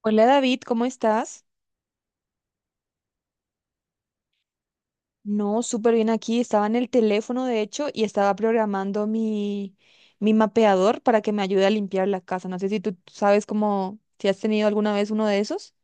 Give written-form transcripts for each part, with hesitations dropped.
Hola David, ¿cómo estás? No, súper bien aquí. Estaba en el teléfono, de hecho, y estaba programando mi mapeador para que me ayude a limpiar la casa. No sé si tú sabes cómo, si has tenido alguna vez uno de esos.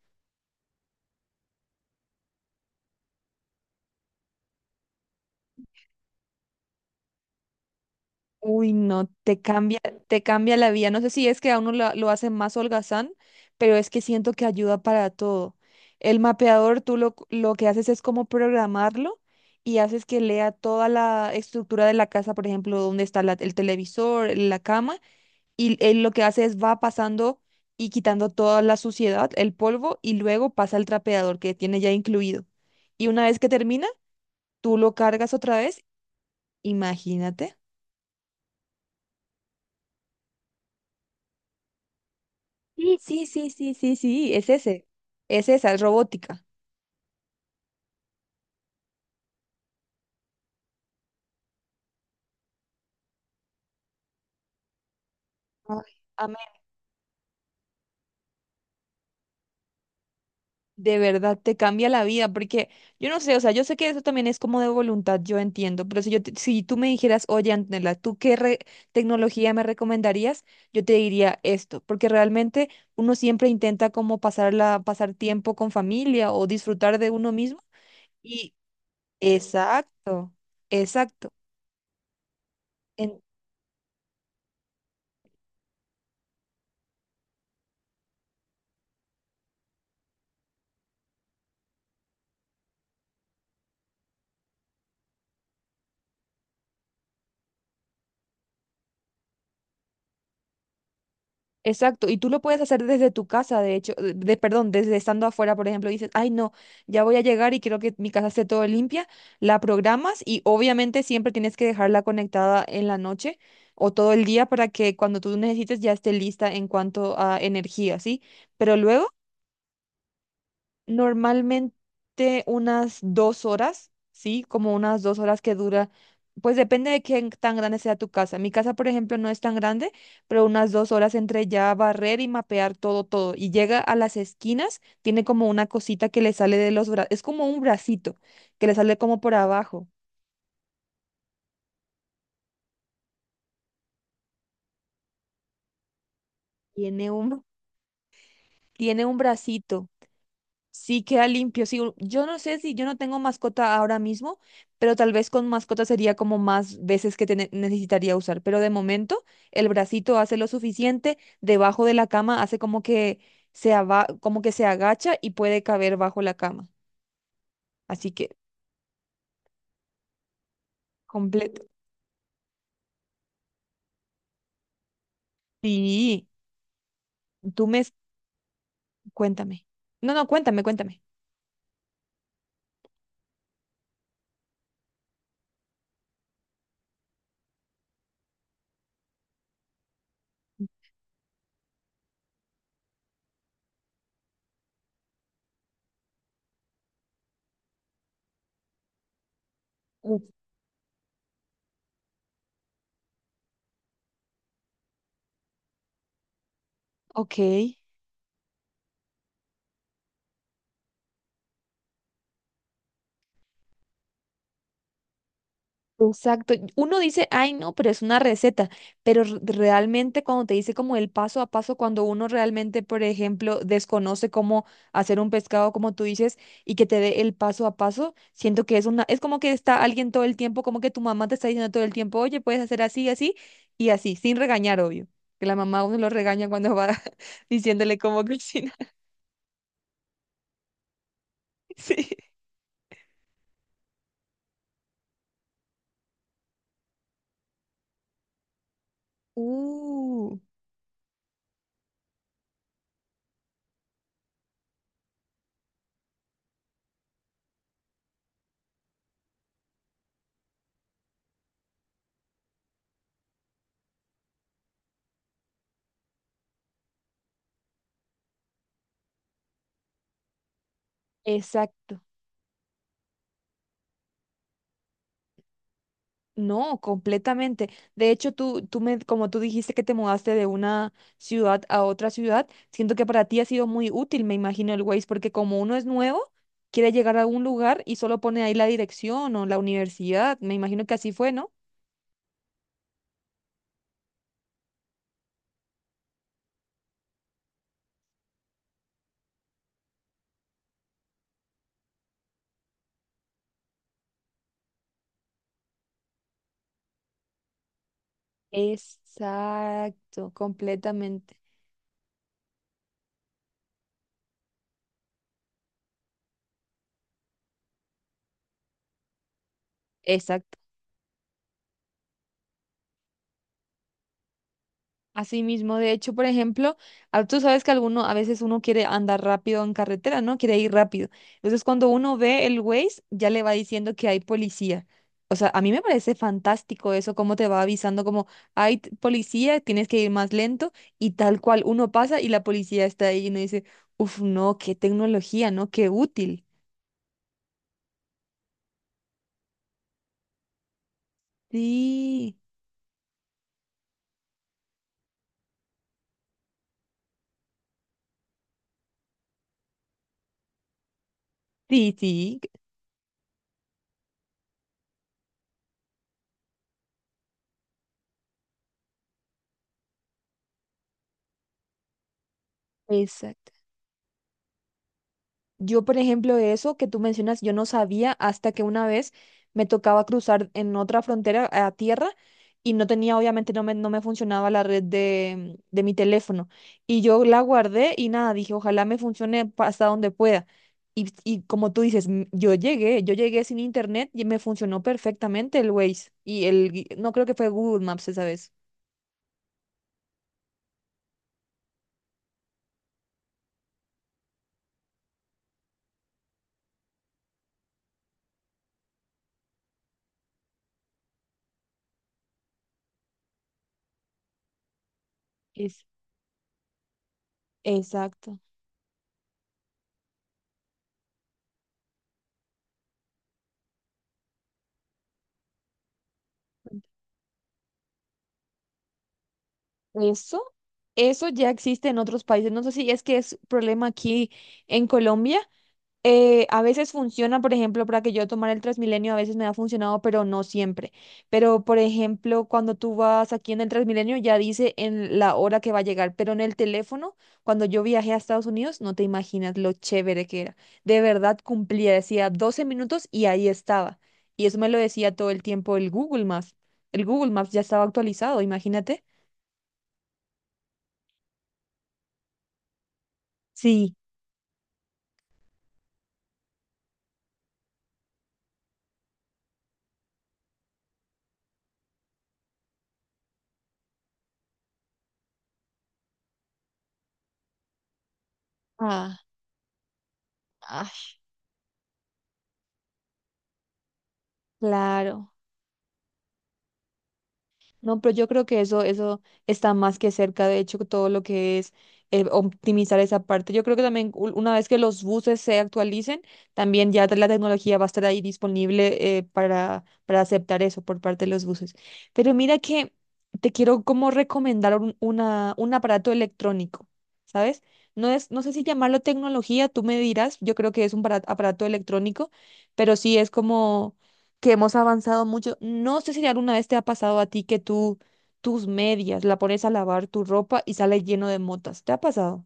Uy, no, te cambia la vida. No sé si es que a uno lo hace más holgazán, pero es que siento que ayuda para todo. El mapeador, tú lo que haces es como programarlo y haces que lea toda la estructura de la casa, por ejemplo, dónde está el televisor, la cama, y él lo que hace es va pasando y quitando toda la suciedad, el polvo, y luego pasa al trapeador que tiene ya incluido. Y una vez que termina, tú lo cargas otra vez, imagínate. Sí, sí, sí, sí, sí, sí, es ese. Es esa, es robótica. Ay, a mí. De verdad, te cambia la vida, porque yo no sé, o sea, yo sé que eso también es como de voluntad, yo entiendo, pero si tú me dijeras, oye, Antonella, ¿tú qué tecnología me recomendarías? Yo te diría esto, porque realmente uno siempre intenta como pasarla, pasar tiempo con familia o disfrutar de uno mismo. Y exacto, exacto. Exacto, y tú lo puedes hacer desde tu casa, de hecho, perdón, desde estando afuera, por ejemplo, dices, ay, no, ya voy a llegar y quiero que mi casa esté todo limpia, la programas y obviamente siempre tienes que dejarla conectada en la noche o todo el día para que cuando tú necesites ya esté lista en cuanto a energía, ¿sí? Pero luego normalmente unas 2 horas, ¿sí? Como unas 2 horas que dura. Pues depende de qué tan grande sea tu casa. Mi casa, por ejemplo, no es tan grande, pero unas 2 horas entre ya barrer y mapear todo, todo. Y llega a las esquinas, tiene como una cosita que le sale de los brazos. Es como un bracito que le sale como por abajo. Tiene un, tiene un bracito. Sí, queda limpio. Sí, yo no sé, si yo no tengo mascota ahora mismo, pero tal vez con mascota sería como más veces que necesitaría usar. Pero de momento, el bracito hace lo suficiente, debajo de la cama hace como que se agacha y puede caber bajo la cama. Así que completo. Sí, tú me cuéntame. No, no, cuéntame, cuéntame. Uf. Ok. Exacto. Uno dice, ay, no, pero es una receta, pero realmente cuando te dice como el paso a paso, cuando uno realmente, por ejemplo, desconoce cómo hacer un pescado, como tú dices, y que te dé el paso a paso, siento que es como que está alguien todo el tiempo, como que tu mamá te está diciendo todo el tiempo, oye, puedes hacer así, así y así, sin regañar, obvio. Que la mamá a uno lo regaña cuando va diciéndole cómo cocinar. Sí. Uh, exacto. No, completamente. De hecho, como tú dijiste que te mudaste de una ciudad a otra ciudad, siento que para ti ha sido muy útil, me imagino, el Waze, porque como uno es nuevo, quiere llegar a un lugar y solo pone ahí la dirección o la universidad. Me imagino que así fue, ¿no? Exacto, completamente. Así mismo, de hecho, por ejemplo, ah, tú sabes que alguno, a veces uno quiere andar rápido en carretera, ¿no? Quiere ir rápido. Entonces, cuando uno ve el Waze, ya le va diciendo que hay policía. O sea, a mí me parece fantástico eso, cómo te va avisando, como hay policía, tienes que ir más lento, y tal cual uno pasa y la policía está ahí y uno dice, uf, no, qué tecnología, ¿no? Qué útil. Sí, sí, sí, exacto. Yo, por ejemplo, eso que tú mencionas, yo no sabía hasta que una vez me tocaba cruzar en otra frontera a tierra y no tenía, obviamente, no me funcionaba la red de mi teléfono. Y yo la guardé y nada, dije, ojalá me funcione hasta donde pueda. Y, y como tú dices, yo llegué sin internet y me funcionó perfectamente el Waze y no creo que fue Google Maps esa vez. Es, Exacto. Eso, eso ya existe en otros países. No sé si es que es problema aquí en Colombia. A veces funciona, por ejemplo, para que yo tomara el Transmilenio, a veces me ha funcionado, pero no siempre. Pero, por ejemplo, cuando tú vas aquí en el Transmilenio, ya dice en la hora que va a llegar, pero en el teléfono, cuando yo viajé a Estados Unidos, no te imaginas lo chévere que era. De verdad cumplía, decía 12 minutos y ahí estaba. Y eso me lo decía todo el tiempo el Google Maps. El Google Maps ya estaba actualizado, imagínate. Sí. Ah, ay, claro. No, pero yo creo que eso está más que cerca, de hecho, todo lo que es optimizar esa parte. Yo creo que también una vez que los buses se actualicen, también ya la tecnología va a estar ahí disponible, para aceptar eso por parte de los buses. Pero mira que te quiero como recomendar un aparato electrónico, ¿sabes? No sé si llamarlo tecnología, tú me dirás, yo creo que es un aparato electrónico, pero sí es como que hemos avanzado mucho. No sé si alguna vez te ha pasado a ti que tú, tus medias, la pones a lavar tu ropa y sale lleno de motas. ¿Te ha pasado?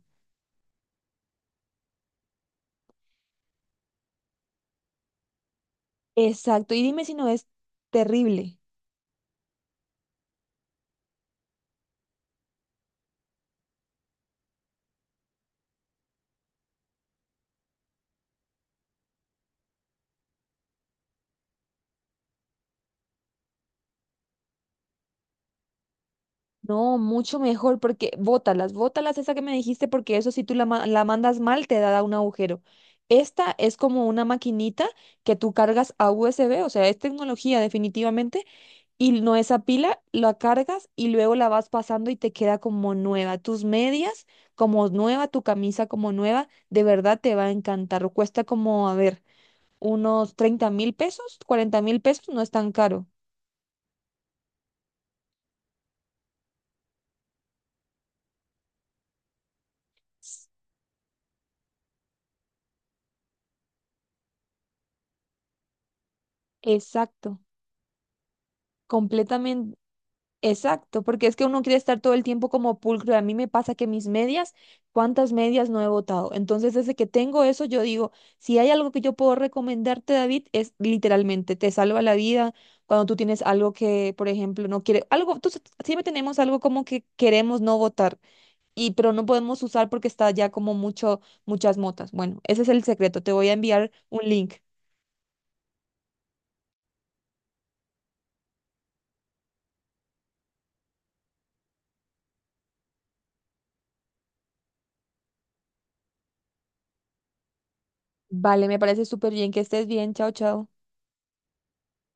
Exacto. Y dime si no es terrible. No, mucho mejor porque bótalas, bótalas esa que me dijiste, porque eso, si tú la mandas mal, te da un agujero. Esta es como una maquinita que tú cargas a USB, o sea, es tecnología definitivamente y no esa pila, la cargas y luego la vas pasando y te queda como nueva. Tus medias como nueva, tu camisa como nueva, de verdad te va a encantar. Cuesta como, a ver, unos 30.000 pesos, 40.000 pesos, no es tan caro. Exacto, completamente. Exacto, porque es que uno quiere estar todo el tiempo como pulcro. Y a mí me pasa que mis medias, ¿cuántas medias no he botado? Entonces, desde que tengo eso, yo digo, si hay algo que yo puedo recomendarte, David, es literalmente, te salva la vida. Cuando tú tienes algo que, por ejemplo, no quiere, algo, tú, siempre tenemos algo como que queremos no botar, pero no podemos usar porque está ya como mucho, muchas motas. Bueno, ese es el secreto. Te voy a enviar un link. Vale, me parece súper bien que estés bien. Chao, chao.